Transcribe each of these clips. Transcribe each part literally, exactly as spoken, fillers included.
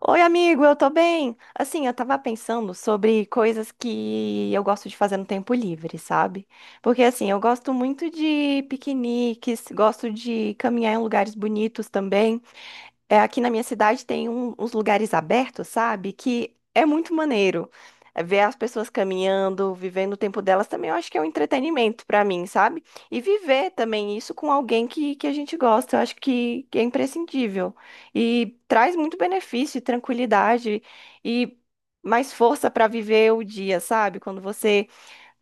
Oi, amigo, eu tô bem. Assim, eu tava pensando sobre coisas que eu gosto de fazer no tempo livre, sabe? Porque assim, eu gosto muito de piqueniques, gosto de caminhar em lugares bonitos também. É, aqui na minha cidade tem um- uns lugares abertos, sabe? Que é muito maneiro. É, ver as pessoas caminhando, vivendo o tempo delas também, eu acho que é um entretenimento pra mim, sabe? E viver também isso com alguém que, que a gente gosta, eu acho que, que é imprescindível. E traz muito benefício, e tranquilidade e mais força pra viver o dia, sabe? Quando você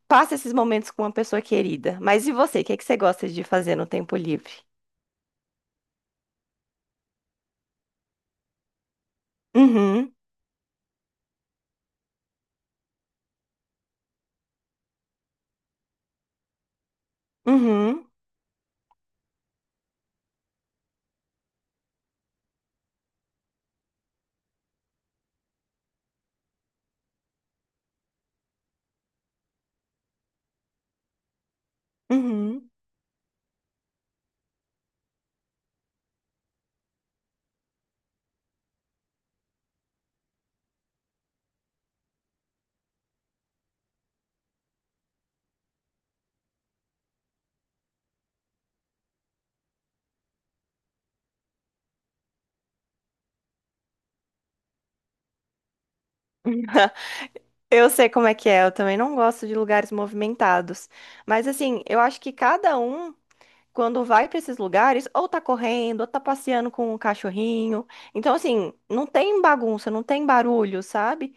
passa esses momentos com uma pessoa querida. Mas e você? O que é que você gosta de fazer no tempo livre? Uhum, uhum, uhum. Eu sei como é que é, eu também não gosto de lugares movimentados. Mas assim, eu acho que cada um, quando vai para esses lugares, ou tá correndo, ou tá passeando com o cachorrinho. Então, assim, não tem bagunça, não tem barulho, sabe?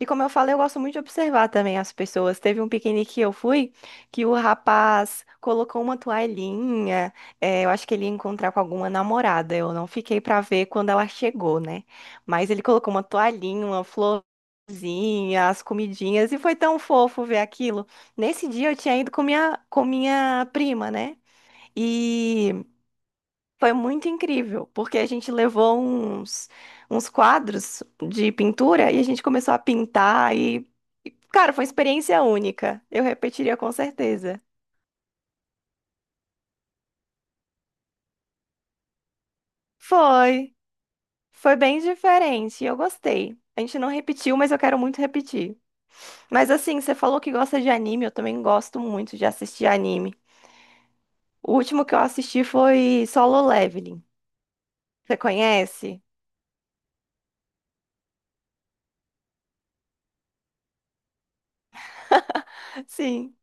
E como eu falei, eu gosto muito de observar também as pessoas. Teve um piquenique que eu fui que o rapaz colocou uma toalhinha. Eh, eu acho que ele ia encontrar com alguma namorada. Eu não fiquei pra ver quando ela chegou, né? Mas ele colocou uma toalhinha, uma florzinha, as comidinhas e foi tão fofo ver aquilo. Nesse dia eu tinha ido com minha, com minha prima, né? E foi muito incrível, porque a gente levou uns, uns quadros de pintura e a gente começou a pintar e, e, cara, foi uma experiência única. Eu repetiria com certeza. Foi, foi bem diferente e eu gostei. A gente não repetiu, mas eu quero muito repetir. Mas assim, você falou que gosta de anime, eu também gosto muito de assistir anime. O último que eu assisti foi Solo Leveling. Você conhece? Sim.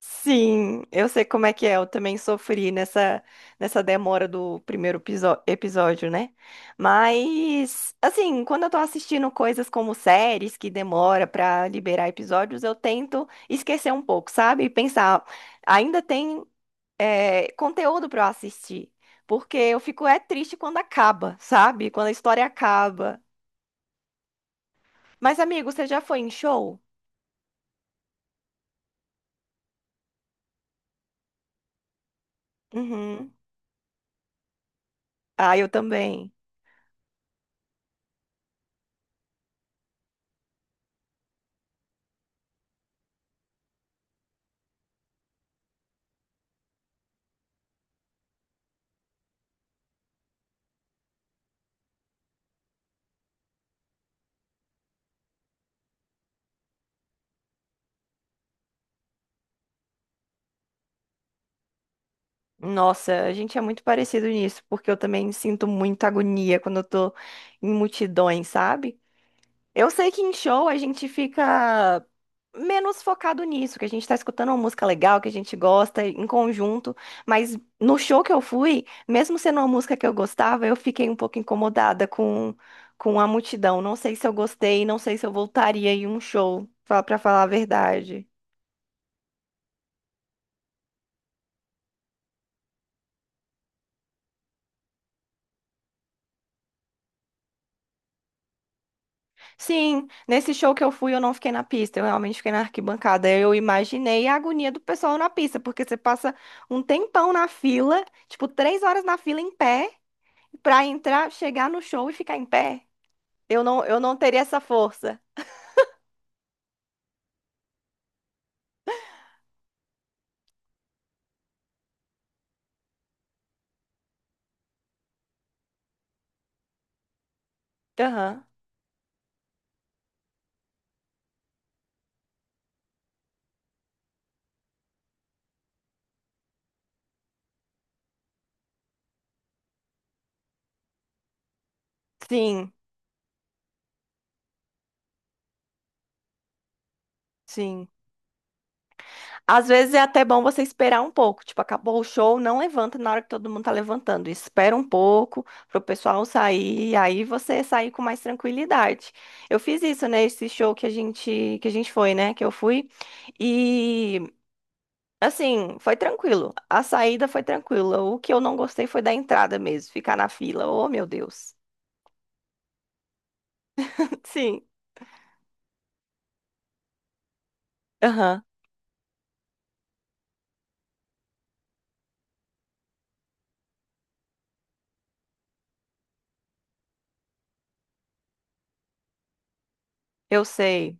Sim, eu sei como é que é. Eu também sofri nessa, nessa demora do primeiro episo- episódio, né? Mas, assim, quando eu tô assistindo coisas como séries que demora pra liberar episódios, eu tento esquecer um pouco, sabe? E pensar, ainda tem, é, conteúdo pra eu assistir. Porque eu fico é triste quando acaba, sabe? Quando a história acaba. Mas, amigo, você já foi em show? Uhum. Ah, eu também. Nossa, a gente é muito parecido nisso, porque eu também sinto muita agonia quando eu tô em multidões, sabe? Eu sei que em show a gente fica menos focado nisso, que a gente tá escutando uma música legal, que a gente gosta em conjunto, mas no show que eu fui, mesmo sendo uma música que eu gostava, eu fiquei um pouco incomodada com, com a multidão. Não sei se eu gostei, não sei se eu voltaria em um show, fa- pra falar a verdade. Sim, nesse show que eu fui, eu não fiquei na pista, eu realmente fiquei na arquibancada. Eu imaginei a agonia do pessoal na pista, porque você passa um tempão na fila, tipo, três horas na fila em pé, pra entrar, chegar no show e ficar em pé. Eu não, eu não teria essa força. Aham. Sim, sim. Às vezes é até bom você esperar um pouco. Tipo, acabou o show, não levanta na hora que todo mundo tá levantando. Espera um pouco pro pessoal sair, aí você sair com mais tranquilidade. Eu fiz isso, né, esse show que a gente que a gente foi, né, que eu fui. E assim, foi tranquilo. A saída foi tranquila. O que eu não gostei foi da entrada mesmo, ficar na fila. Oh, meu Deus. Sim. Aham. Eu sei.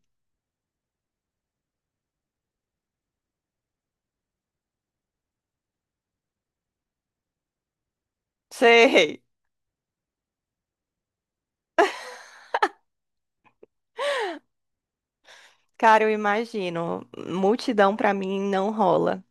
Sei. Cara, eu imagino. Multidão pra mim não rola.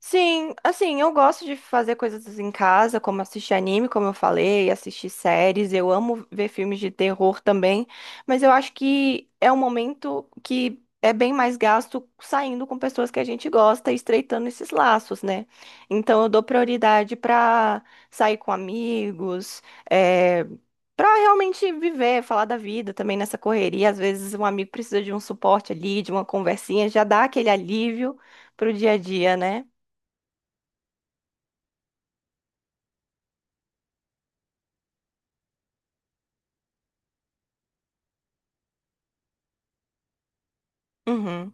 Sim, assim, eu gosto de fazer coisas em casa, como assistir anime, como eu falei, assistir séries. Eu amo ver filmes de terror também, mas eu acho que é um momento que é bem mais gasto saindo com pessoas que a gente gosta e estreitando esses laços, né? Então eu dou prioridade pra sair com amigos, é, para realmente viver, falar da vida também nessa correria. Às vezes um amigo precisa de um suporte ali, de uma conversinha, já dá aquele alívio pro dia a dia, né? Uhum.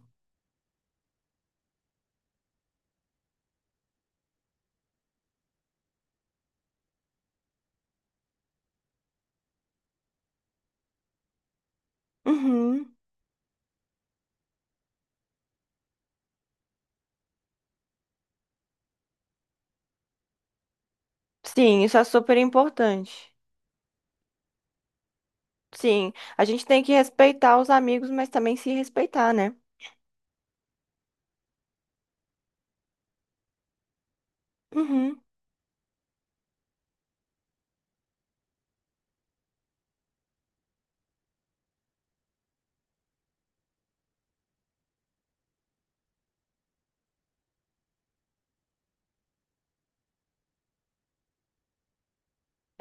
Uhum. Sim, isso é super importante. Sim, a gente tem que respeitar os amigos, mas também se respeitar, né? Uhum.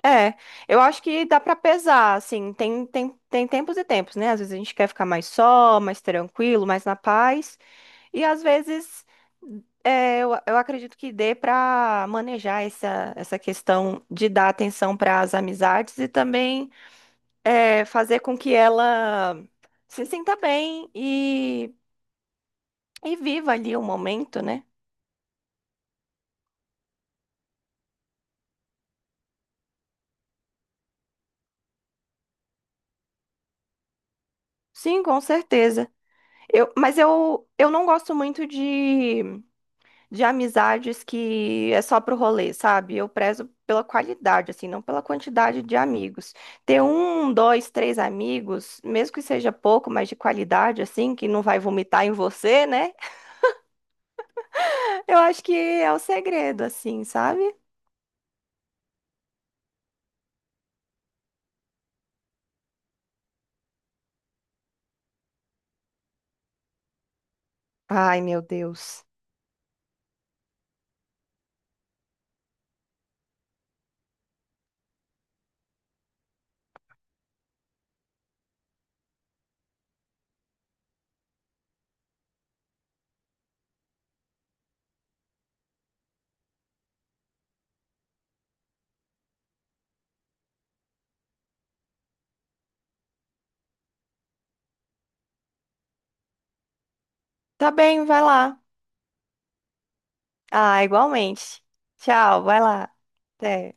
É, eu acho que dá pra pesar, assim, tem, tem, tem tempos e tempos, né? Às vezes a gente quer ficar mais só, mais tranquilo, mais na paz, e às vezes é, eu, eu acredito que dê pra manejar essa, essa questão de dar atenção para as amizades e também é, fazer com que ela se sinta bem e viva ali o momento, né? Sim, com certeza. Eu, mas eu, eu não gosto muito de, de amizades que é só pro rolê, sabe? Eu prezo pela qualidade, assim, não pela quantidade de amigos. Ter um, dois, três amigos, mesmo que seja pouco, mas de qualidade, assim, que não vai vomitar em você, né? Eu acho que é o segredo, assim, sabe? Ai, meu Deus. Tá bem, vai lá. Ah, igualmente. Tchau, vai lá. Até.